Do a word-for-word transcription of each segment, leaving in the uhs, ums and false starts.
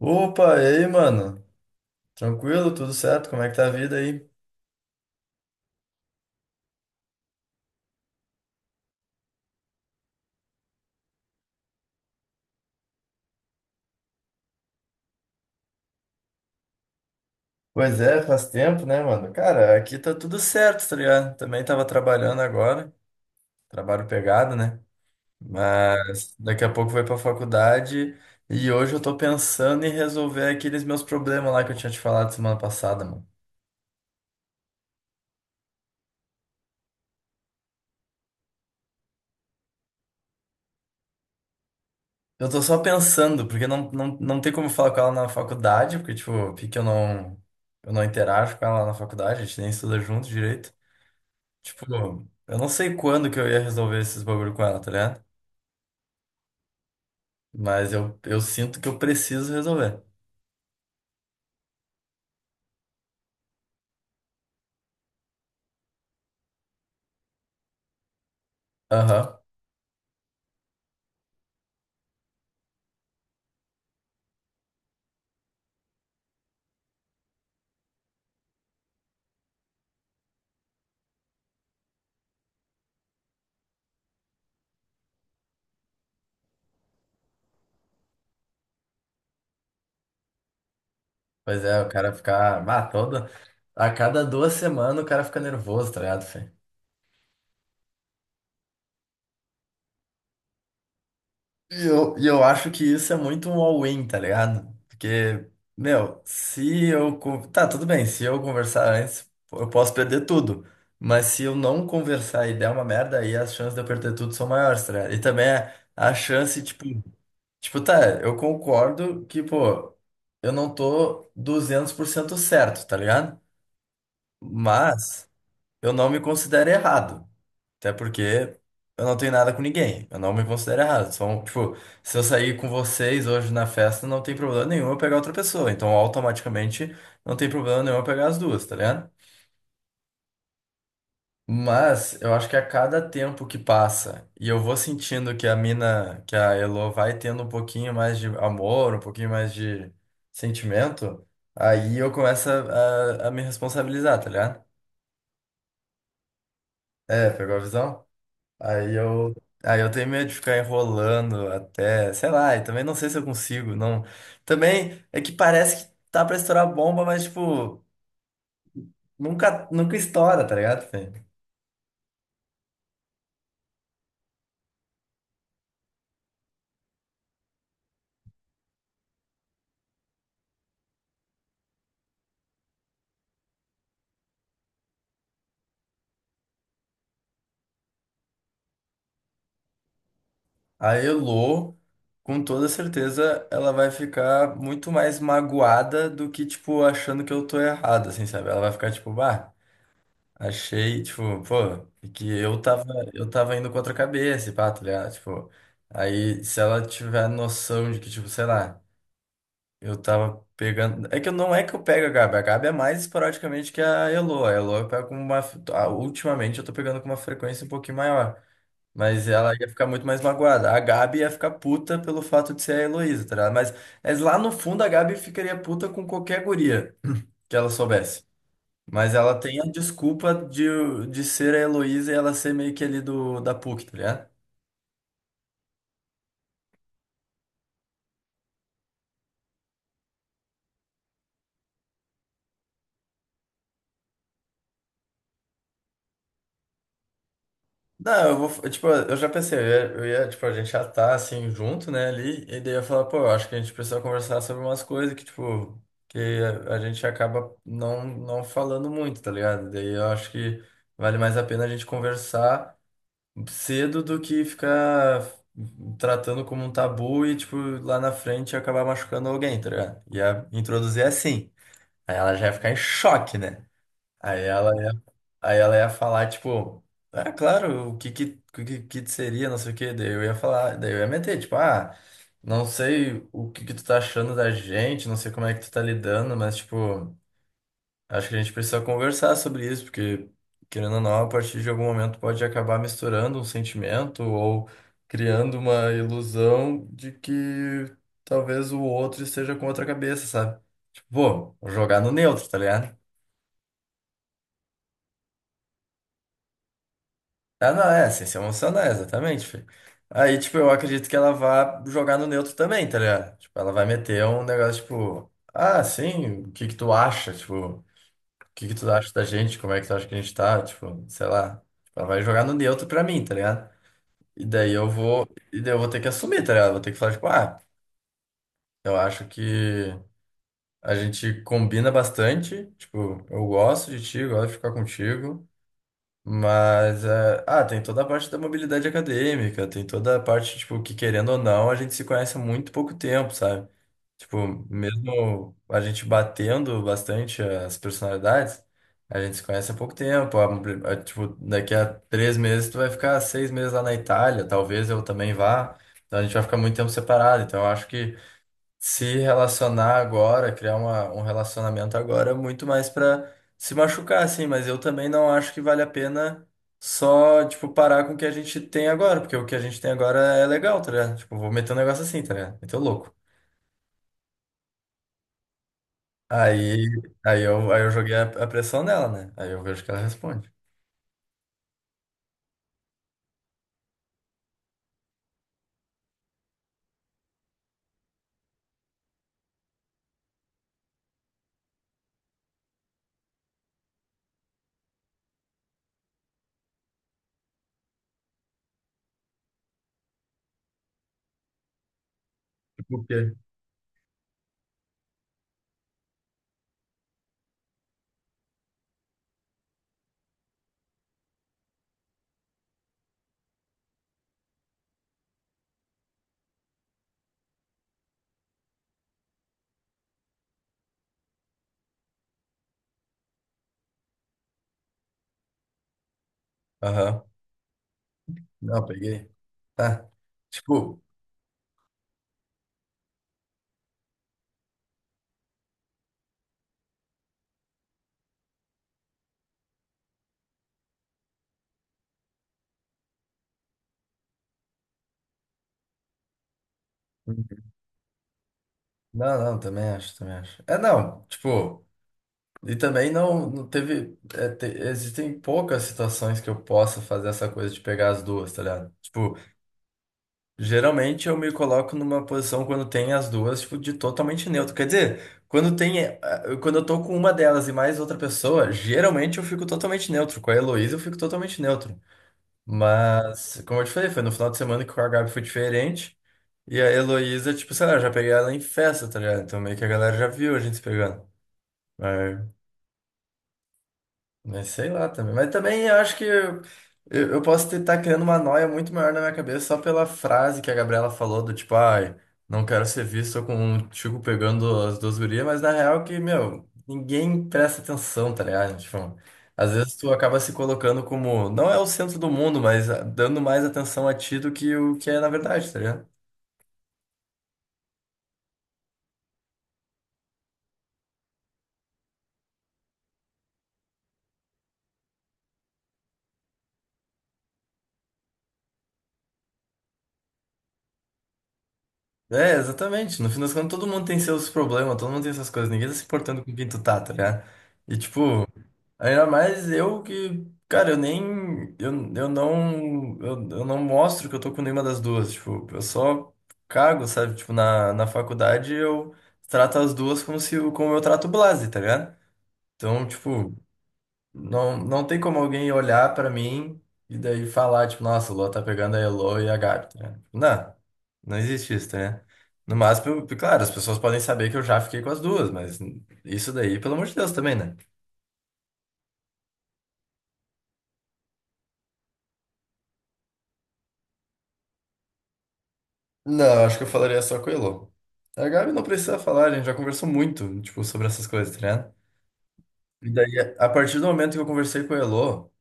Opa, e aí, mano? Tranquilo? Tudo certo? Como é que tá a vida aí? Pois é, faz tempo, né, mano? Cara, aqui tá tudo certo, tá ligado? Também tava trabalhando agora, trabalho pegado, né? Mas daqui a pouco vou ir pra faculdade e hoje eu tô pensando em resolver aqueles meus problemas lá que eu tinha te falado semana passada, mano. Eu tô só pensando, porque não, não, não tem como falar com ela na faculdade, porque, tipo, porque eu não, eu não interajo com ela na faculdade, a gente nem estuda junto direito. Tipo, eu não sei quando que eu ia resolver esses bagulho com ela, tá ligado? Mas eu, eu sinto que eu preciso resolver. Aham. Pois é, o cara ficar. Ah, toda. A cada duas semanas o cara fica nervoso, tá ligado, Fê? E eu, e eu acho que isso é muito um all-in, tá ligado? Porque, meu, se eu. Con- Tá, tudo bem, se eu conversar antes, eu posso perder tudo. Mas se eu não conversar e der uma merda, aí as chances de eu perder tudo são maiores, tá ligado? E também é a chance, tipo. Tipo, tá, eu concordo que, pô, eu não tô duzentos por cento certo, tá ligado? Mas eu não me considero errado. Até porque eu não tenho nada com ninguém. Eu não me considero errado. São, tipo, se eu sair com vocês hoje na festa, não tem problema nenhum eu pegar outra pessoa. Então, automaticamente, não tem problema nenhum eu pegar as duas, tá ligado? Mas eu acho que a cada tempo que passa e eu vou sentindo que a mina, que a Elo vai tendo um pouquinho mais de amor, um pouquinho mais de sentimento, aí eu começo a, a, a me responsabilizar, tá ligado? É, pegou a visão? Aí eu, aí eu tenho medo de ficar enrolando até, sei lá, e também não sei se eu consigo, não. Também é que parece que tá pra estourar a bomba, mas tipo, nunca, nunca estoura, tá ligado, Fê? A Elo, com toda certeza, ela vai ficar muito mais magoada do que, tipo, achando que eu tô errado, assim, sabe? Ela vai ficar, tipo, bah, achei, tipo, pô, é que eu tava, eu tava indo contra a cabeça, e pá, tá ligado? Tipo, aí se ela tiver noção de que, tipo, sei lá, eu tava pegando. É que eu- não é que eu pego a Gabi, a Gabi é mais esporadicamente que a Elo. A Elo eu pego com uma. Ah, ultimamente eu tô pegando com uma frequência um pouquinho maior. Mas ela ia ficar muito mais magoada. A Gabi ia ficar puta pelo fato de ser a Heloísa, tá ligado? Mas, mas lá no fundo a Gabi ficaria puta com qualquer guria que ela soubesse. Mas ela tem a desculpa de, de ser a Heloísa e ela ser meio que ali do, da P U C, tá ligado? Não, eu vou. Tipo, eu já pensei, eu ia, eu ia, tipo, a gente já tá assim junto, né, ali. E daí eu ia falar, pô, eu acho que a gente precisa conversar sobre umas coisas que, tipo, que a, a gente acaba não, não falando muito, tá ligado? Daí eu acho que vale mais a pena a gente conversar cedo do que ficar tratando como um tabu e, tipo, lá na frente acabar machucando alguém, tá ligado? Ia introduzir é assim. Aí ela já ia ficar em choque, né? Aí ela ia, aí ela ia falar, tipo, ah, claro, o que que, o que que seria, não sei o quê. Daí eu ia falar, daí eu ia meter, tipo, ah, não sei o que que tu tá achando da gente, não sei como é que tu tá lidando, mas, tipo. Acho que a gente precisa conversar sobre isso, porque, querendo ou não, a partir de algum momento pode acabar misturando um sentimento ou criando uma ilusão de que talvez o outro esteja com outra cabeça, sabe? Tipo, pô, vou jogar no neutro, tá ligado? Ah, não, é, sem se emocionar, exatamente, filho. Aí, tipo, eu acredito que ela vá jogar no neutro também, tá ligado? Tipo, ela vai meter um negócio, tipo, ah, sim, o que que tu acha? Tipo. O que que tu acha da gente? Como é que tu acha que a gente tá? Tipo, sei lá. Tipo, ela vai jogar no neutro pra mim, tá ligado? E daí eu vou, e daí eu vou ter que assumir, tá ligado? Vou ter que falar, tipo, ah, eu acho que a gente combina bastante. Tipo, eu gosto de ti, eu gosto de ficar contigo. Mas, é, ah, tem toda a parte da mobilidade acadêmica, tem toda a parte, tipo, que querendo ou não, a gente se conhece há muito pouco tempo, sabe? Tipo, mesmo a gente batendo bastante as personalidades, a gente se conhece há pouco tempo. A- a- tipo, daqui a três meses tu vai ficar seis meses lá na Itália, talvez eu também vá. Então a gente vai ficar muito tempo separado. Então eu acho que se relacionar agora, criar uma, um relacionamento agora é muito mais pra se machucar, assim. Mas eu também não acho que vale a pena só, tipo, parar com o que a gente tem agora, porque o que a gente tem agora é legal, tá ligado? Tipo, vou meter um negócio assim, tá ligado? Meter o louco. Aí, aí, eu, aí eu joguei a, a pressão nela, né? Aí eu vejo que ela responde. Tipo, o quê? Aham. Não, peguei. Tá. Tipo, não, não, também acho, também acho. É, não, tipo, e também não, não teve. É, te- existem poucas situações que eu possa fazer essa coisa de pegar as duas, tá ligado? Tipo, geralmente eu me coloco numa posição quando tem as duas, tipo, de totalmente neutro. Quer dizer, quando tem, eh, quando eu tô com uma delas e mais outra pessoa, geralmente eu fico totalmente neutro. Com a Heloísa eu fico totalmente neutro. Mas, como eu te falei, foi no final de semana que com a Gabi foi diferente. E a Heloísa, tipo, sei lá, eu já peguei ela em festa, tá ligado? Então meio que a galera já viu a gente se pegando. Mas sei lá também. Mas também eu acho que eu, eu eu posso estar criando uma noia muito maior na minha cabeça só pela frase que a Gabriela falou do tipo, ai, não quero ser visto com um Chico pegando as duas gurias, mas na real que, meu, ninguém presta atenção, tá ligado? Tipo, às vezes tu acaba se colocando como, não é o centro do mundo, mas ah, dando mais atenção a ti do que o que é na verdade, tá ligado? É, exatamente. No fim das contas, todo mundo tem seus problemas, todo mundo tem essas coisas, ninguém tá se importando com quem tu tá, tá ligado? E tipo. Ainda mais eu que, cara, eu nem, eu, eu não, eu, eu não mostro que eu tô com nenhuma das duas, tipo, eu só cago, sabe? Tipo, na, na faculdade eu trato as duas como se, eu- como eu trato o Blase, tá ligado? Então, tipo, não, não tem como alguém olhar pra mim e daí falar, tipo, nossa, o Lua tá pegando a Elo e a Gabi, tá ligado? Tipo, não, não existe isso, tá ligado? No máximo, eu- claro, as pessoas podem saber que eu já fiquei com as duas, mas isso daí, pelo amor de Deus, também, né? Não, acho que eu falaria só com o Elô. A Gabi não precisa falar, a gente já conversou muito, tipo, sobre essas coisas, tá ligado? E daí, a partir do momento que eu conversei com o Elô,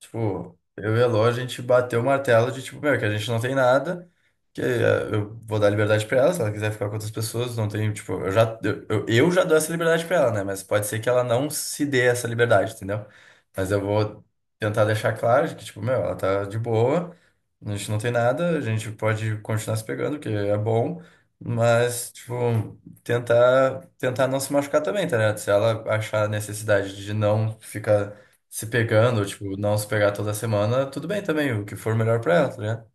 tipo, eu e a Lô, a gente bateu o martelo de, tipo, meu, que a gente não tem nada, que eh, eu vou dar liberdade pra ela, se ela quiser ficar com outras pessoas, não tem, tipo, eu já, eu, eu eu já dou essa liberdade pra ela, né? Mas pode ser que ela não se dê essa liberdade, entendeu? Mas eu vou tentar deixar claro de que, tipo, meu, ela tá de boa, a gente não tem nada, a gente pode continuar se pegando, que é bom, mas, tipo, tentar, tentar não se machucar também, tá ligado? Se ela achar necessidade de não ficar se pegando, tipo, não se pegar toda semana, tudo bem também, o que for melhor pra ela, tá ligado?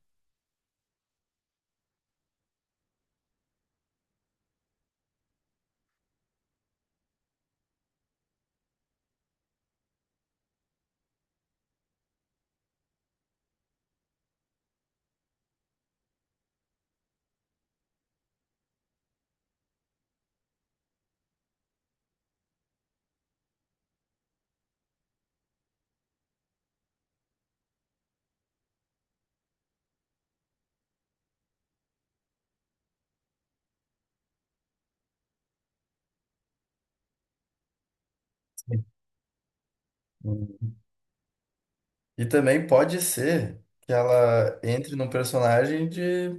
Uhum. E também pode ser que ela entre num personagem de,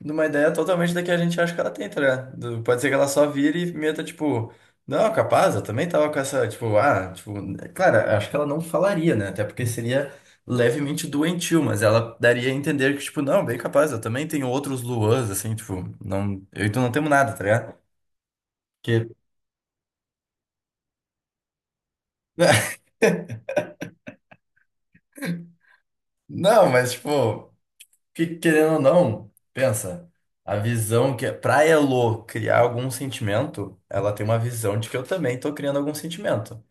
de uma ideia totalmente da que a gente acha que ela tem, tá ligado? Do- pode ser que ela só vire e meta, tipo, não, é capaz, eu também tava com essa, tipo, ah, tipo, claro, acho que ela não falaria, né? Até porque seria levemente doentio, mas ela daria a entender que, tipo, não, bem capaz, eu também tenho outros Luans, assim, tipo, não, eu e tu não temos nada, tá ligado? Que. Não, mas tipo, que- querendo ou não, pensa, a visão que pra Elo criar algum sentimento, ela tem uma visão de que eu também tô criando algum sentimento.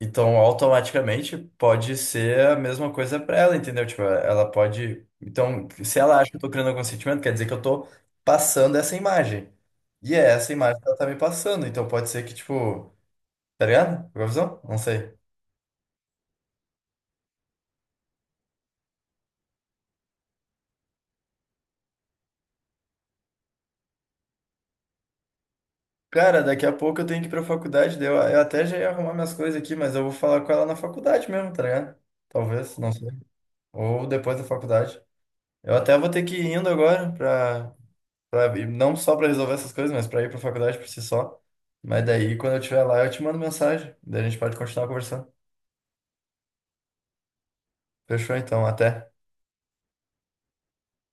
Então, automaticamente pode ser a mesma coisa pra ela, entendeu? Tipo, ela pode, então, se ela acha que eu tô criando algum sentimento, quer dizer que eu tô passando essa imagem. E é essa imagem que ela tá me passando, então pode ser que tipo, tá ligado? Qual a visão? Não sei. Cara, daqui a pouco eu tenho que ir pra faculdade, daí eu, eu até já ia arrumar minhas coisas aqui, mas eu vou falar com ela na faculdade mesmo, tá ligado? Talvez, não sei. Ou depois da faculdade. Eu até vou ter que ir indo agora, pra, pra, ir- não só pra resolver essas coisas, mas pra ir pra faculdade por si só. Mas daí, quando eu estiver lá, eu te mando mensagem, daí a gente pode continuar conversando. Fechou então, até.